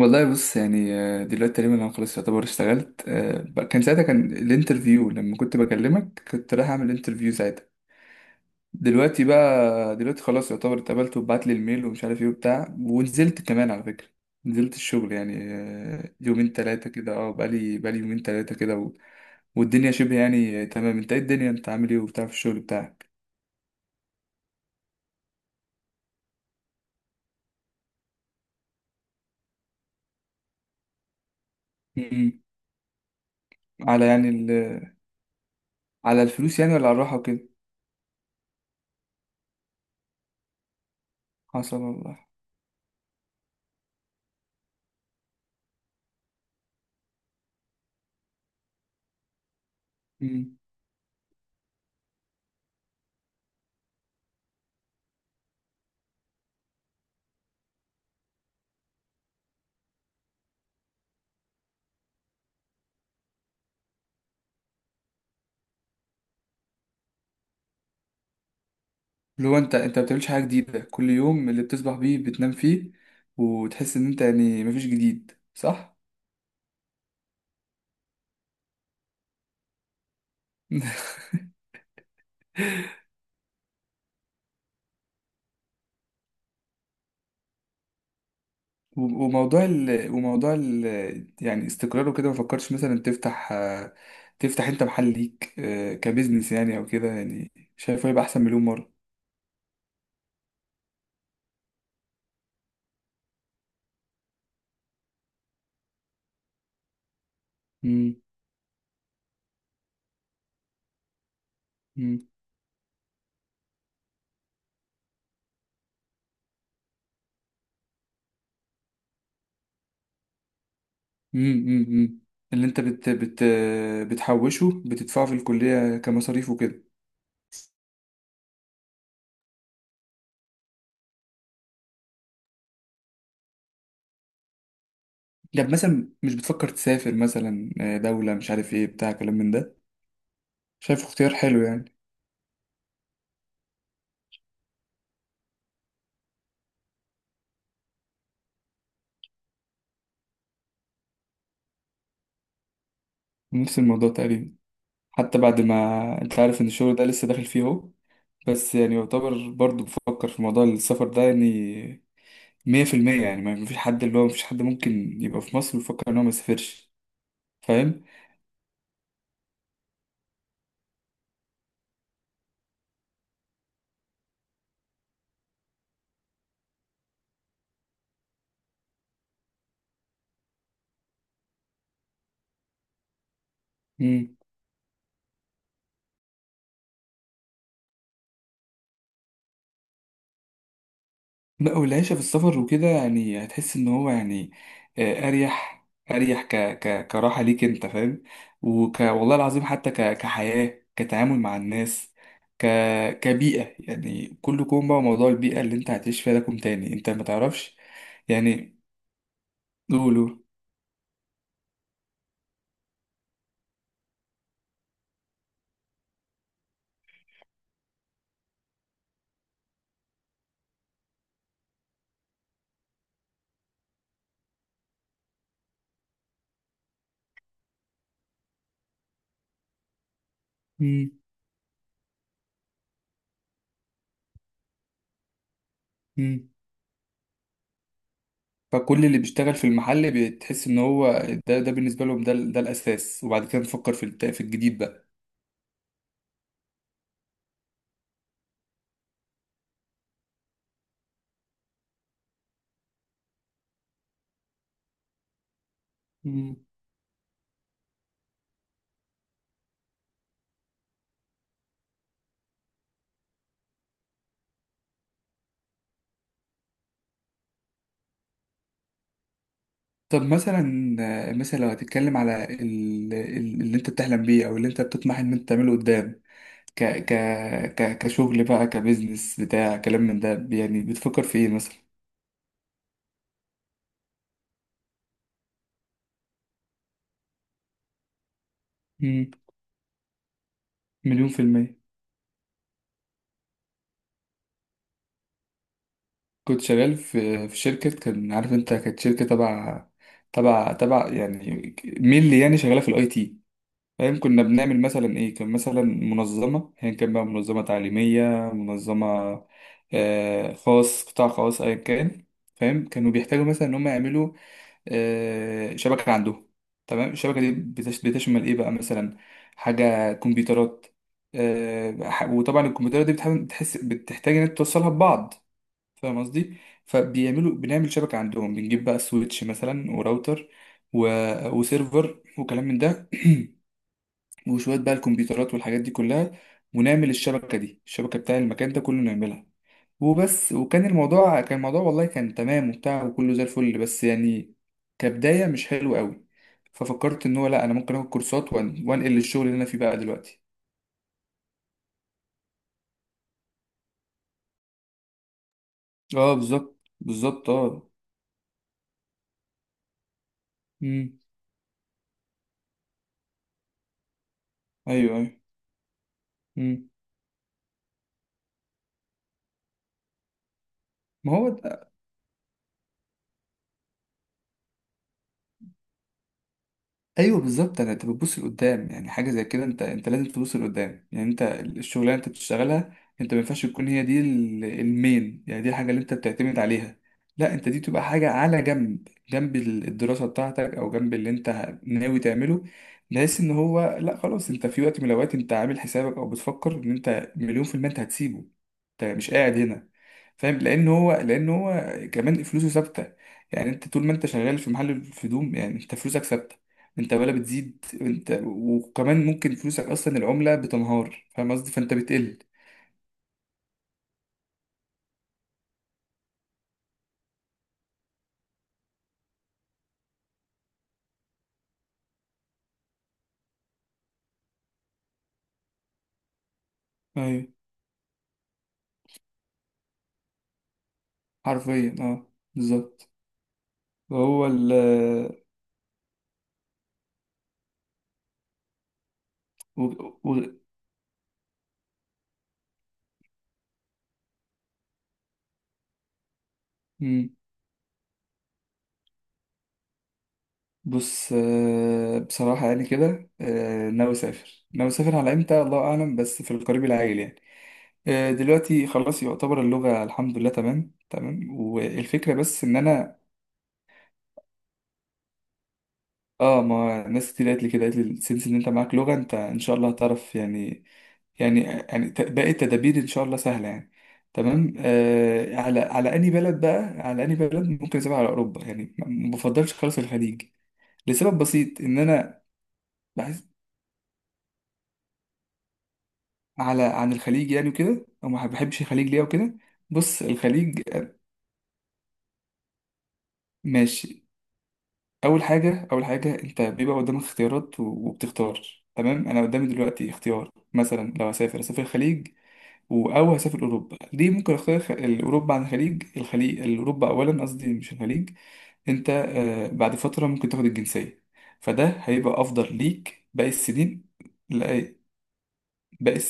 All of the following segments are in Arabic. والله بص يعني دلوقتي تقريبا انا خلاص يعتبر اشتغلت كان ساعتها كان الانترفيو لما كنت بكلمك كنت رايح اعمل انترفيو ساعتها. دلوقتي بقى دلوقتي خلاص يعتبر اتقبلت وبعت لي الميل ومش عارف ايه وبتاع ونزلت كمان على فكرة. نزلت الشغل يعني يومين تلاتة كده بقالي يومين تلاتة كده والدنيا شبه يعني تمام. انت ايه الدنيا، انت عامل ايه وبتاع في الشغل بتاعك؟ مم. على يعني ال... على الفلوس يعني ولا على الراحة وكده؟ حصل والله. اللي هو انت ما بتعملش حاجه جديده، كل يوم اللي بتصبح بيه بتنام فيه وتحس ان انت يعني مفيش جديد، صح؟ و- وموضوع ال... وموضوع ال... يعني استقرار وكده، ما فكرتش مثلا تفتح تفتح انت محل ليك كبزنس يعني او كده؟ يعني شايفه يبقى احسن مليون مره. مم. مم. مم. مم. مم. اللي انت بت... بت... بتحوشه بتدفعه في الكليه كمصاريف وكده؟ طب مثلا مش بتفكر تسافر مثلا دولة مش عارف ايه بتاع كلام من ده؟ شايف اختيار حلو يعني. نفس الموضوع تقريبا. حتى بعد ما انت عارف ان الشغل ده لسه داخل فيه اهو، بس يعني يعتبر برضو بفكر في موضوع السفر ده يعني. مية في المية يعني ما فيش حد اللي هو مفيش حد ممكن يبقى في مصر ويفكر ان هو ما يسافرش. فاهم؟ لا، والعيشة في السفر وكده يعني هتحس ان هو يعني اريح. ك ك كراحة ليك انت، فاهم. والله العظيم حتى كحياة، كتعامل مع الناس، ك كبيئة يعني. كله كوم بقى موضوع البيئة اللي انت هتعيش فيها ده كوم تاني، انت ما تعرفش يعني. قولوا. مم، مم. فكل اللي بيشتغل في المحل بتحس ان هو ده، بالنسبة لهم ده الاساس، وبعد كده نفكر في الجديد بقى. طب مثلا، مثلا لو هتتكلم على اللي انت بتحلم بيه او اللي انت بتطمح ان انت تعمله قدام، ك ك ك كشغل بقى، كبزنس، بتاع كلام من ده، يعني بتفكر في ايه مثلا؟ مم. مليون في المية. كنت شغال في شركة، كان عارف انت كانت شركة تبع تبع يعني مينلي، يعني شغالة في الاي تي. فاهم؟ كنا بنعمل مثلا ايه، كان مثلا منظمة ايا كان بقى، منظمة تعليمية، منظمة خاص، قطاع خاص، ايا كان. فاهم؟ كانوا بيحتاجوا مثلا ان هم يعملوا شبكة عندهم. تمام. الشبكة دي بتشمل ايه بقى مثلا؟ حاجة كمبيوترات، وطبعا الكمبيوترات دي بتحس بتحتاج ان انت توصلها ببعض. فاهم قصدي؟ فبيعملوا، بنعمل شبكة عندهم، بنجيب بقى سويتش مثلا، وراوتر، و... وسيرفر وكلام من ده، وشوية بقى الكمبيوترات والحاجات دي كلها، ونعمل الشبكة دي، الشبكة بتاع المكان ده كله نعملها، وبس. وكان الموضوع، كان الموضوع والله كان تمام وبتاع وكله زي الفل، بس يعني كبداية مش حلو قوي. ففكرت ان هو لا، انا ممكن اخد كورسات وانقل للشغل اللي انا فيه بقى دلوقتي. اه بالظبط بالظبط اه. امم. ايوه ايوه. امم. ما هو ايوه بالظبط. انا، انت بتبص لقدام، يعني حاجه زي كده انت، انت لازم تبص لقدام. يعني انت الشغلانه انت بتشتغلها، انت ما ينفعش تكون هي دي المين، يعني دي الحاجه اللي انت بتعتمد عليها. لا، انت دي تبقى حاجه على جنب، جنب الدراسه بتاعتك او جنب اللي انت ناوي تعمله، بحيث ان هو لا خلاص، انت في وقت من الاوقات انت عامل حسابك او بتفكر ان انت مليون في المية انت هتسيبه، انت مش قاعد هنا. فاهم؟ لان هو، لان هو كمان فلوسه ثابته. يعني انت طول ما انت شغال في محل الهدوم يعني انت فلوسك ثابته، انت ولا بتزيد، انت وكمان ممكن فلوسك اصلا العملة بتنهار، فاهم قصدي؟ فانت بتقل. ايوه حرفيا اه، بالظبط. وهو ال و... و... مم. بص بصراحة يعني كده ناوي أسافر، ناوي أسافر على إمتى الله أعلم، بس في القريب العاجل يعني. دلوقتي خلاص يعتبر اللغة الحمد لله تمام تمام، والفكرة بس إن أنا ما ناس كتير قالت لي كده، قالت لي السنس إن أنت معاك لغة، أنت إن شاء الله هتعرف يعني، يعني يعني باقي التدابير ان شاء الله سهله يعني. تمام على على اني بلد بقى، على اني بلد ممكن اسيبها على اوروبا يعني. ما بفضلش خالص الخليج لسبب بسيط، ان انا بحس على عن الخليج يعني وكده، او ما بحبش الخليج ليه وكده. بص الخليج ماشي. اول حاجه، اول حاجه انت بيبقى قدامك اختيارات وبتختار. تمام، انا قدامي دلوقتي اختيار مثلا لو هسافر اسافر الخليج او هسافر اوروبا. ليه ممكن اختار اوروبا عن الخليج، الخليج اوروبا اولا قصدي مش الخليج؟ انت بعد فترة ممكن تاخد الجنسية، فده هيبقى افضل ليك باقي السنين. لا باقي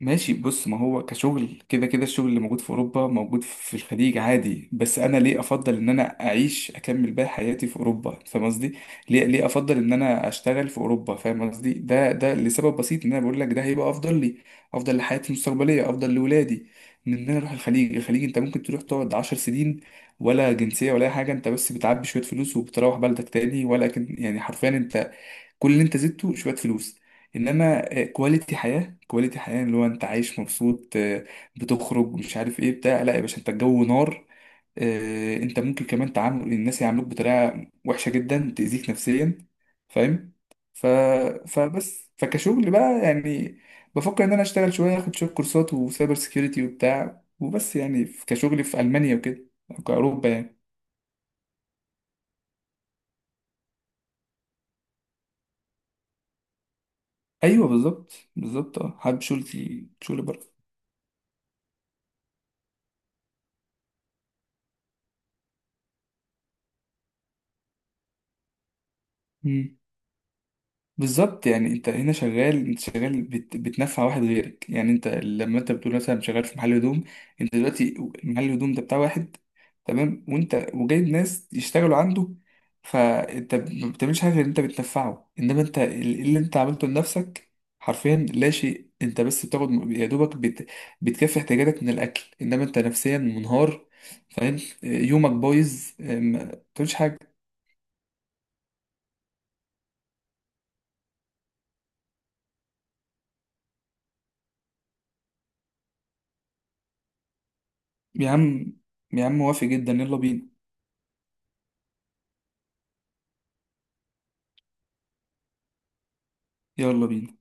ماشي. بص ما هو كشغل، كده كده الشغل اللي موجود في أوروبا موجود في الخليج عادي، بس أنا ليه أفضل إن أنا أعيش أكمل بقى حياتي في أوروبا؟ فاهم قصدي؟ ليه، ليه أفضل إن أنا أشتغل في أوروبا؟ فاهم قصدي؟ ده، ده لسبب بسيط، إن أنا بقول لك ده هيبقى أفضل لي، أفضل لحياتي المستقبلية، أفضل لولادي، من إن أنا أروح الخليج. الخليج أنت ممكن تروح تقعد 10 سنين ولا جنسية ولا أي حاجة، أنت بس بتعبي شوية فلوس وبتروح بلدك تاني ولا كن، يعني حرفيا أنت كل اللي انت زدته شويه فلوس. انما كواليتي حياه، اللي هو انت عايش مبسوط، بتخرج مش عارف ايه بتاع، لا يا باشا انت الجو نار. انت ممكن كمان تعامل، الناس يعاملوك بطريقه وحشه جدا تاذيك نفسيا. فاهم؟ ف... فبس، فكشغل بقى يعني بفكر ان انا اشتغل شويه، اخد شويه كورسات وسايبر سيكيورتي وبتاع، وبس يعني كشغل في المانيا وكده، أو كاوروبا يعني. ايوه بالظبط بالظبط اه، حابب شغلي شغل بره. بالظبط يعني انت هنا شغال، انت شغال بتنفع واحد غيرك. يعني انت لما انت بتقول مثلا شغال في محل هدوم، انت دلوقتي محل الهدوم ده بتاع واحد تمام، وانت وجايب ناس يشتغلوا عنده، فانت ما بتعملش حاجه غير ان انت بتنفعه. انما انت إيه اللي انت عملته لنفسك؟ حرفيا لا شيء. انت بس بتاخد يا دوبك بتكفي احتياجاتك من الاكل، انما انت نفسيا منهار. فاهم؟ يومك بايظ ما بتعملش حاجه. يا عم، يا عم موافق جدا يلا بينا، يلا بينا.